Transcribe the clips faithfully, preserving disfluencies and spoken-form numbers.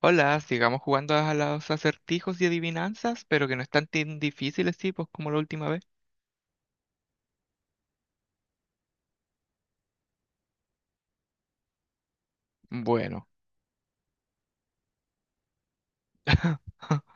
Hola, sigamos jugando a los acertijos y adivinanzas, pero que no están tan difíciles, sí, pues como la última vez. Bueno.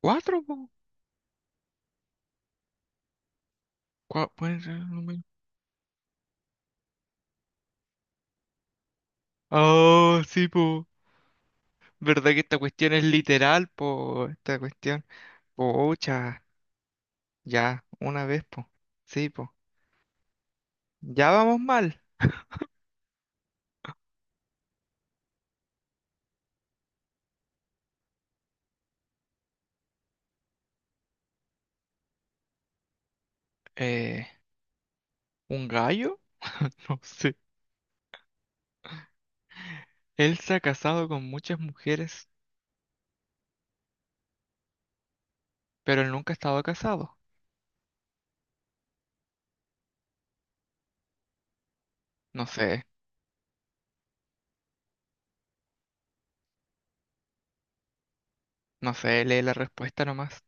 Cuatro, po. Cua- pueden ser el número- Oh, sí, po. ¿Verdad que esta cuestión es literal, po? Esta cuestión. Pocha, ya, una vez, po. Sí, po. Ya vamos mal. Eh, ¿un gallo? No sé. Él se ha casado con muchas mujeres, pero él nunca ha estado casado. No sé, no sé, lee la respuesta nomás.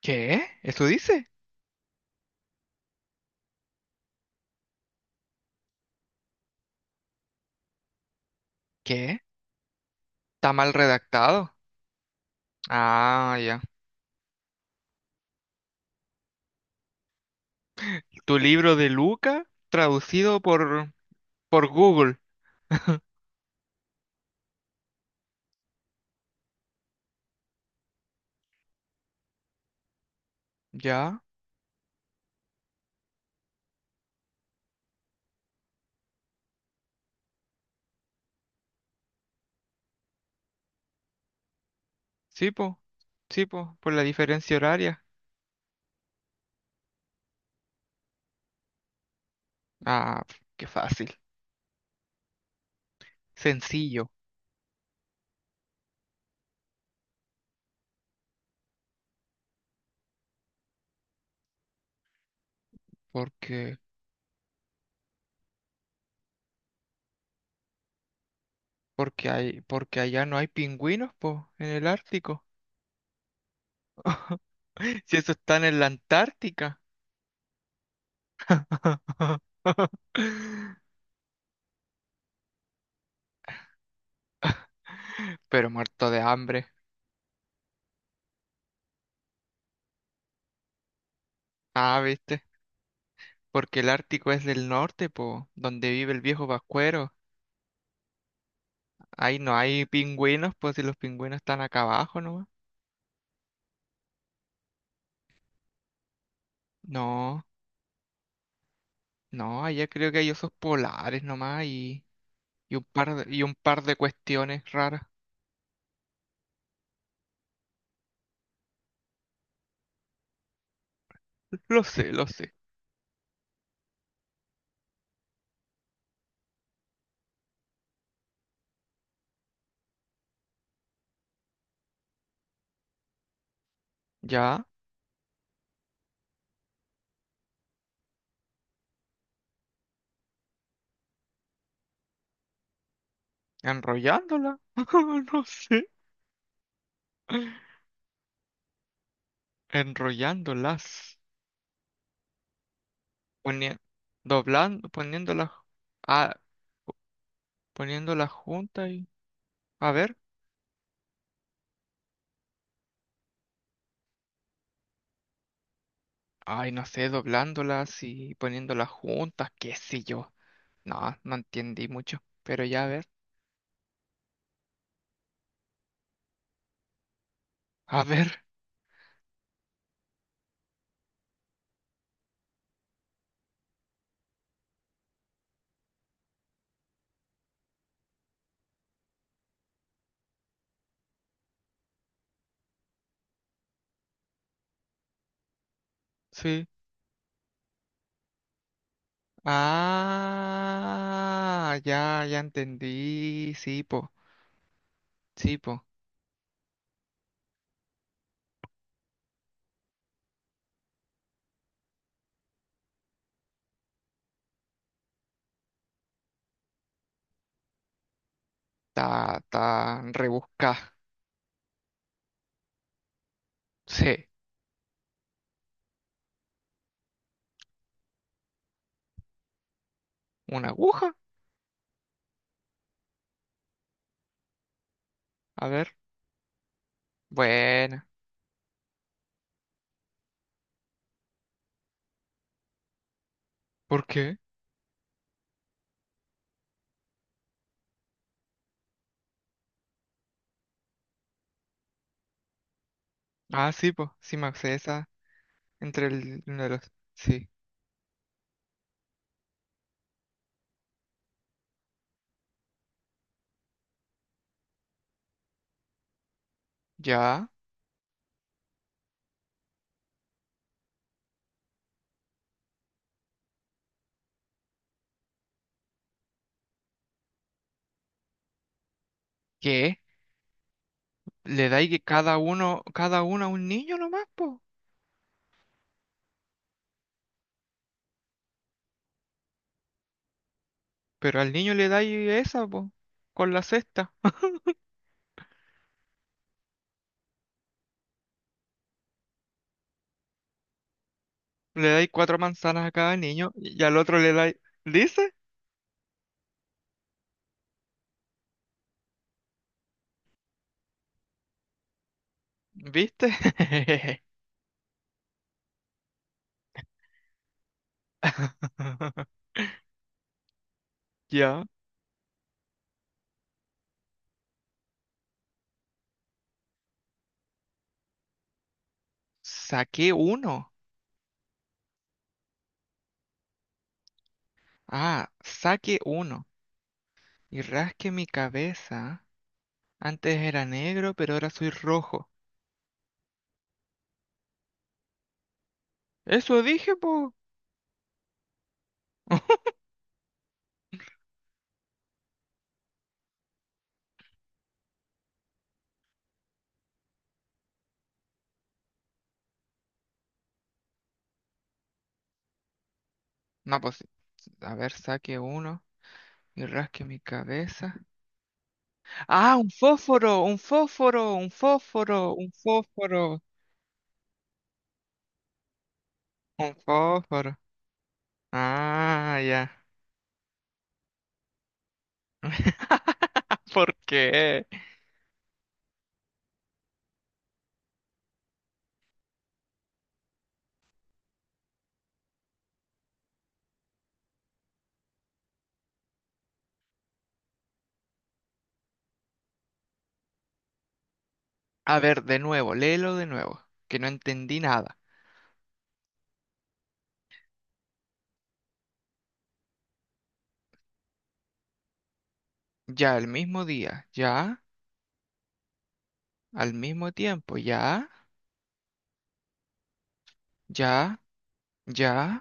¿Qué? ¿Eso dice? ¿Qué? Está mal redactado. Ah, ya. Tu libro de Luca, traducido por, por Google. Ya. Sí, po. Sí, po. Por la diferencia horaria. Ah, pf, qué fácil. Sencillo. Porque, porque hay, porque allá no hay pingüinos, po, en el Ártico. Si eso están en la Antártica. Pero muerto de hambre. Ah, ¿viste? Porque el Ártico es del norte, po, donde vive el viejo Pascuero. Ahí no hay pingüinos, pues si los pingüinos están acá abajo nomás. No, no, allá creo que hay osos polares nomás y, y un par de, y un par de cuestiones raras. Lo sé, lo sé. Ya, enrollándola. No sé. Enrollándolas. Poni- doblando, poniéndolas, ah, poniéndolas juntas y, a ver. Ay, no sé, doblándolas y poniéndolas juntas, qué sé yo. No, no entendí mucho. Pero ya, a ver. A ver, sí. Ah, ya, ya entendí. Sí, po. Sí, po. Ta, ta, rebusca. Sí. ¿Una aguja? A ver. Buena. ¿Por qué? Ah, sí, po. Sí, me sé esa entre el, uno de los... Sí. ¿Ya? ¿Qué? ¿Le dais que cada uno, cada uno a un niño nomás, po? Pero al niño le dais esa, po. Con la cesta. Le dais cuatro manzanas a cada niño y al otro le dais... ¿Dice? ¿Viste? Ya. Saqué uno. Ah, saqué uno. Y rasqué mi cabeza. Antes era negro, pero ahora soy rojo. Eso dije, po. No, pues, a ver, saque uno y rasque mi cabeza. Ah, un fósforo, un fósforo, un fósforo, un fósforo, un fósforo. Ah, ya. ¿Por qué? A ver, de nuevo, léelo de nuevo, que no entendí nada. Ya al mismo día, ya, al mismo tiempo, ya, ya, ya,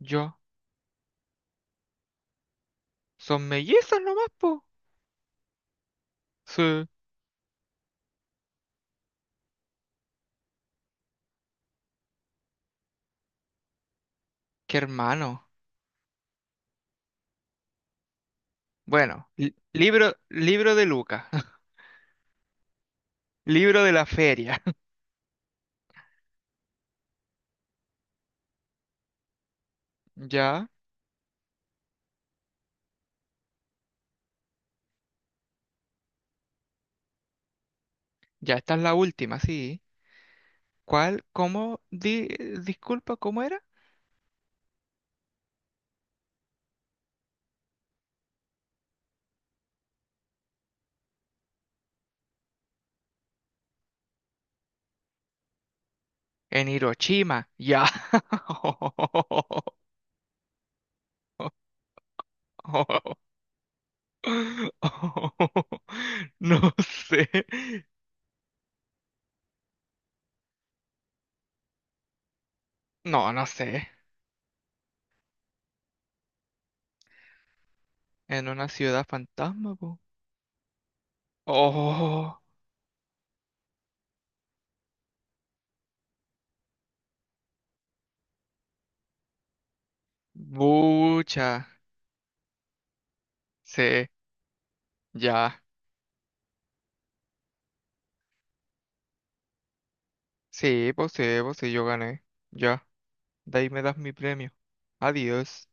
yo. Son mellizos nomás, po. Sí. Qué hermano. Bueno, li- libro, libro de Lucas, libro de la feria. Ya, ya esta es la última, sí. ¿Cuál? ¿Cómo? Di- disculpa, ¿cómo era? En Hiroshima, ya. No sé. No, no sé. En una ciudad fantasma, po. Oh, bucha. Sí, ya. Sí, pues sí, pues sí, yo gané. Ya. De ahí me das mi premio. Adiós.